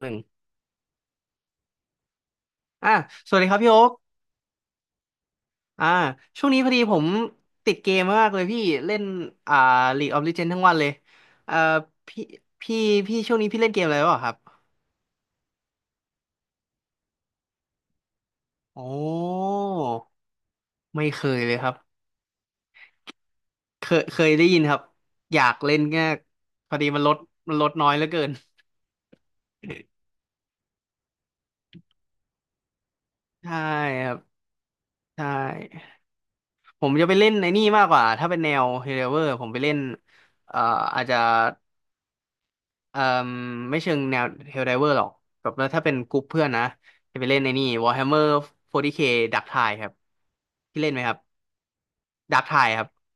หนึ่งอ่ะสวัสดีครับพี่โอ๊คอ่าช่วงนี้พอดีผมติดเกมมากเลยพี่เล่นอ่า League of Legends ทั้งวันเลยเอ่อพี่พี่พี่ช่วงนี้พี่เล่นเกมอะไรบ้างครับโอ้ไม่เคยเลยครับเคยได้ยินครับอยากเล่นแง่พอดีมันลดน้อยเหลือเกินใช่ครับใช่ผมจะไปเล่นในนี่มากกว่าถ้าเป็นแนว h e r o เวอร์ผมไปเล่นเอ่ออาจจะ เอ่มไม่เชิงแนวเฮลไดเวอร์หรอกแบบว่าถ้าเป็นกลุ่มเพื่อนนะจะไปเล่นในนี่ Warhammer 40K Dark Tide ครับที่เล่นไหมครับ Dark Tide ครับ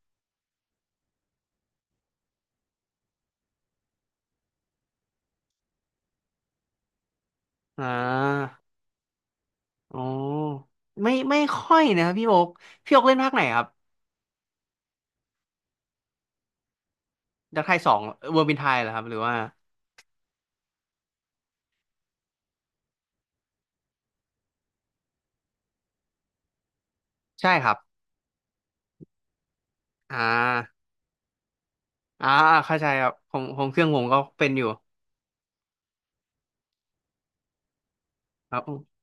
อ่าอ๋อไม่ค่อยนะครับพี่โอ๊กพี่โอ๊กเล่นภาคไหนครับ Dark Tide สองเวอร์บินไทยเหรอครับหรือว่าใช่ครับอ่าอ่าเข้าใจครับผมเครื่องผมก็เป็นอยู่ครับ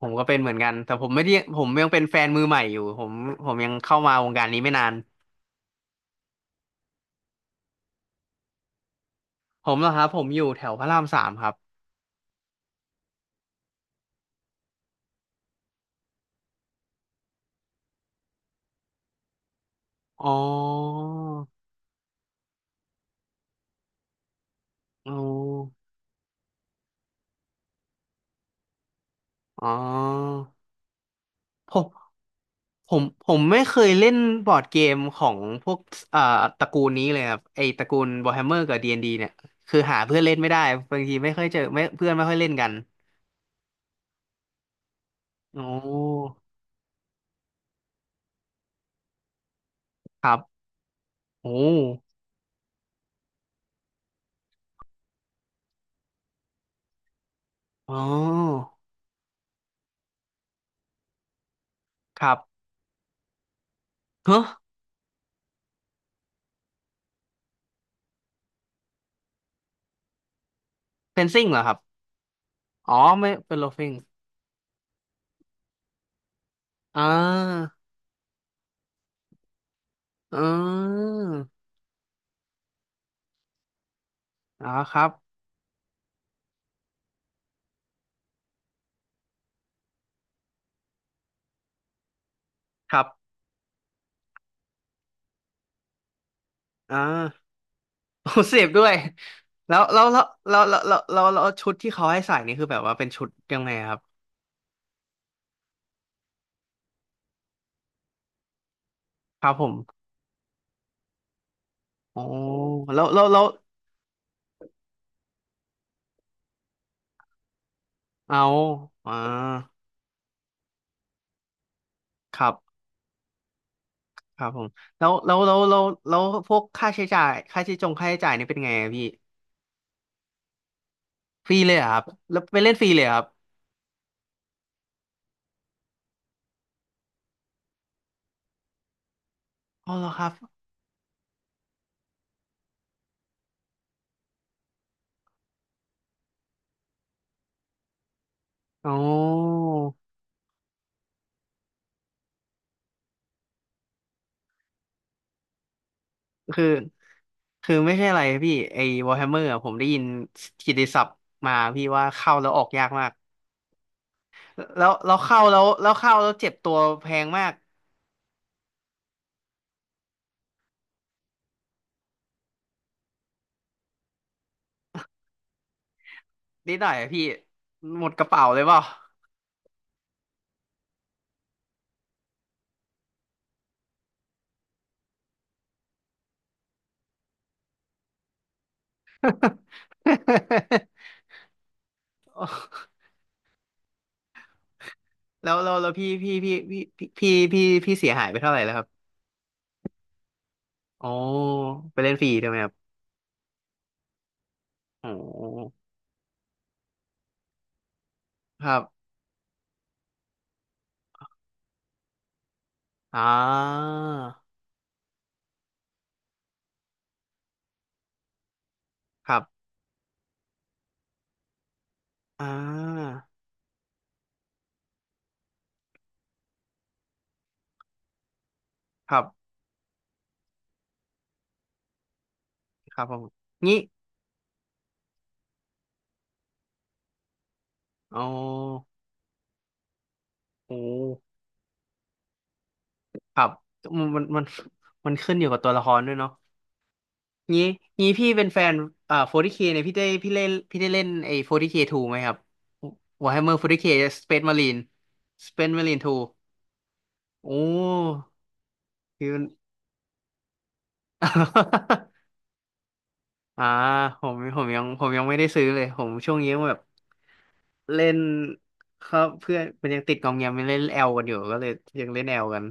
ผมก็เป็นเหมือนกันแต่ผมไม่ได้ผมยังเป็นแฟนมือใหม่อยู่ผมผมยังเข้ามาวงการนี้ไม่นานผมเหรอครับผมอยู่แถวพระรามสามครับ อ๋ออ๋ออ๋อผมผมไม่เคยเล่นบอร์ดเกมของพวกอ่าตระกูลนี้เลยครับไอตระกูล Warhammer กับ D&D เนี่ยคือหาเพื่อนเล่นไม่ได้บางทีไม่ค่อยเจอไม่เพื่อนไม่ค่อยเล่นกันอ๋อครับโอ้อ๋อครับเฮ้อเฟนซิ่งเหรอครับอ๋อไม่เป็นโลฟิงอ่าอ๋ออ๋อครับครับอ่า โอ้เสพด้วยแล้วแล้วแล้วแล้วแล้วแล้วแล้วแล้วชุดที่เขาให้ใส่นี่คือแบบว่าเป็นชุดยังไงครับครับผมโอ้แล้วเอาอ่าครับครับผมแล้วพวกค่าใช้จ่ายค่าใช้จงค่าใช้จ่ายนี่เป็นไงอะพี่ฟรีเลยเหรอครับแล้วไปเล่นฟรีเลยเหรอครับอ๋อเหรอครับอ๋อคือ คือไม่ใช่อะไรพี่ไอ้ Warhammer อะผมได้ยินกิตติศัพท์มาพี่ว่าเข้าแล้วออกยากมาก แล้วเราเข้าแล้วเจ็บตัวแพงมากนิดหน่อยอะพี่หมดกระเป๋าเลยเปล่า แล้วพี่เสียหายไปเท่าไหร่แล้วครับโอ้ไปเล่นฟรีใช่ไหมครับโอ้ครับอ่าครับอ่าครับครับผมงี้อ๋อโอ้ครับมันมันขึ้นอยู่กับตัวละครด้วยเนาะ งี้งี้พี่เป็นแฟน40K เคเนี่ยพี่ได้พี่เล่นพี่ได้เล่นไอ้ 40K 2ไหมครับ Warhammer 40K Space Marine Space Marine 2โอ้คือมัน อ่าผมผมยังผมไม่ได้ซื้อเลยผมช่วงนี้แบบเล่นครับเพื่อนมันยังติดกองแงมยั่เล่นแอลกันอยู่ก็เลยยังเล่นแอลกัน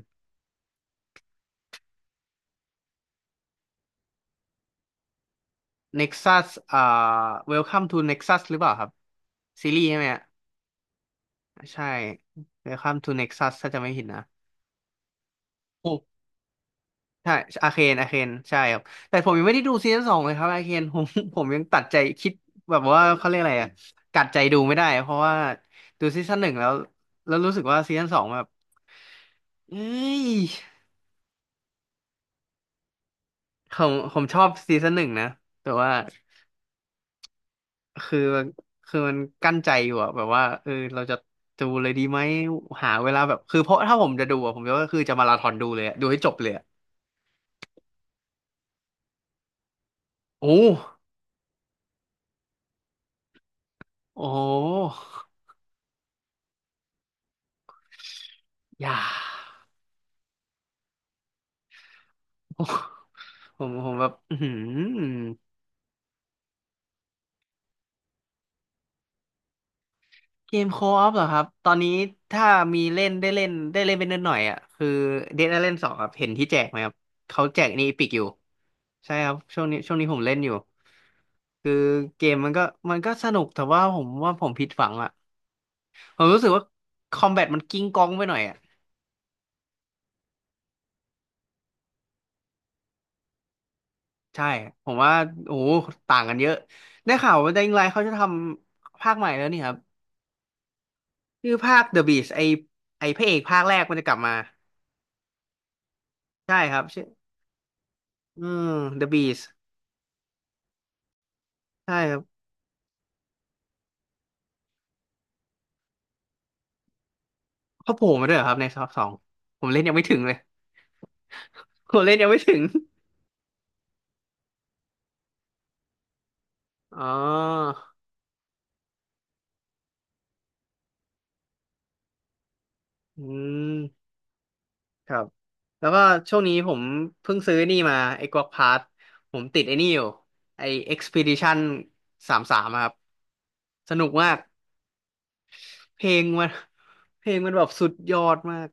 Nexus อ่า Welcome to Nexus หรือเปล่าครับซีรีส์ใช่ไหมอะใช่ Welcome to Nexus ถ้าจะไม่ผิดนะ ใช่อาเคนอาเคนใช่ครับแต่ผมยังไม่ได้ดูซีซั่นสองเลยครับอาเคนผม ผมยังตัดใจคิดแบบว่าเขาเรียกอะไรอะกัดใจดูไม่ได้เพราะว่าดูซีซั่นหนึ่งแล้วแล้วรู้สึกว่าซีซั่นสองแบบเอ้ยผมชอบซีซั่นหนึ่งนะแต่ว่าคือคือมันกั้นใจอยู่อะแบบว่าเออเราจะดูเลยดีไหมหาเวลาแบบคือเพราะถ้าผมจะดูอะผมก็คือจะมาราธอนดูเลยอะดูให้จบเลยอะโอ้โอ้โหอย่า ผมแบบอือหือเกมโคออฟเหรอครับตอนนี้ถ้ามีเล่นเป็นนิดหน่อยอ่ะคือเดดไอแลนด์สองครับเห็นที่แจกไหมครับเขาแจกในอีพิกอยู่ใช่ครับช่วงนี้ผมเล่นอยู่คือเกมมันมันก็สนุกแต่ว่าผมผิดหวังอ่ะผมรู้สึกว่าคอมแบทมันกิ้งก้องไปหน่อยอ่ะใช่ผมว่าโอ้โหต่างกันเยอะได้ข่าวว่า Dying Light เขาจะทำภาคใหม่แล้วนี่ครับคือภาค The Beast ไอพระเอกภาคแรกมันจะกลับมาใช่ครับ เอื The Beast ใช่ครับเขาโผล่มาด้วยเหรอครับในซอสองผมเล่นยังไม่ถึงเลย ผมเล่นยังไม่ถึงอ๋ออืมครับแล้วก็ช่วงนี้ผมเพิ่งซื้อนี่มาไอ้กวักพาร์ทผมติดไอ้นี่อยู่ไอ้ Expedition สามครับสนุกมากเพลงมัน เพลงมันแบบสุดยอดมาก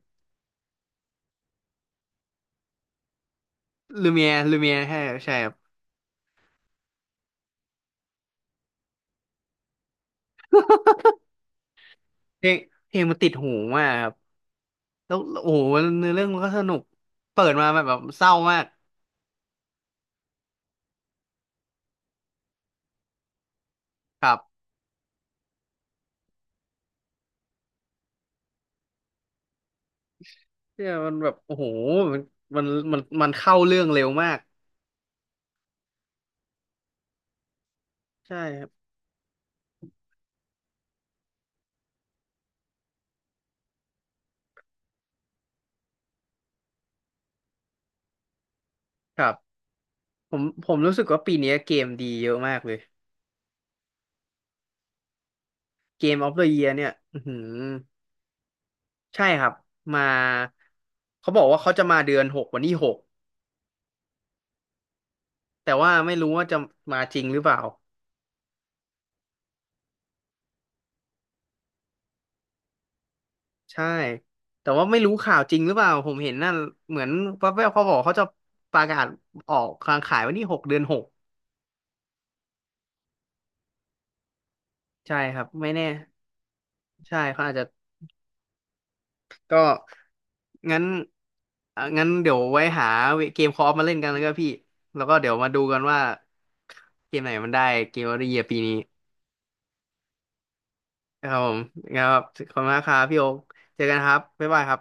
ลูเมียใช่ใช่ครับเพลงเพลงมันติดหูมากครับแล้วโอ้โหเนื้อเรื่องมันก็สนุกเปิดมาแบบเศร้ามากครับ เนี่ยมันแบบโอ้โหมันมันมันเข้าเรื่องเร็วมากใช่ครับครับผมผมรู้สึกว่าปีนี้เกมดีเยอะมากเลยเกมออฟเด e เยียเนี่ยอือหือใช่ครับมาเขาบอกว่าเขาจะมาเดือนหกวันที่หกแต่ว่าไม่รู้ว่าจะมาจริงหรือเปล่าใช่แต่ว่าไม่รู้ข่าวจริงหรือเปล่าผมเห็นนั่นเหมือนแว๊บๆเขาบอกเขาจะประกาศออกกางขายวันที่หกเดือนหกใช่ครับไม่แน่ใช่เขาอาจจะ ก็งั้นอ่ะงั้นเดี๋ยวไว้หาเกมคออฟมาเล่นกันแล้วก็พี่แล้วก็เดี๋ยวมาดูกันว่าเกมไหนมันได้เกมออฟเดอะเยียร์ปีนี้ครับผมงั้นครับขอบคุณมากครับพี่โอ๊คเจอกันครับบ๊ายบายครับ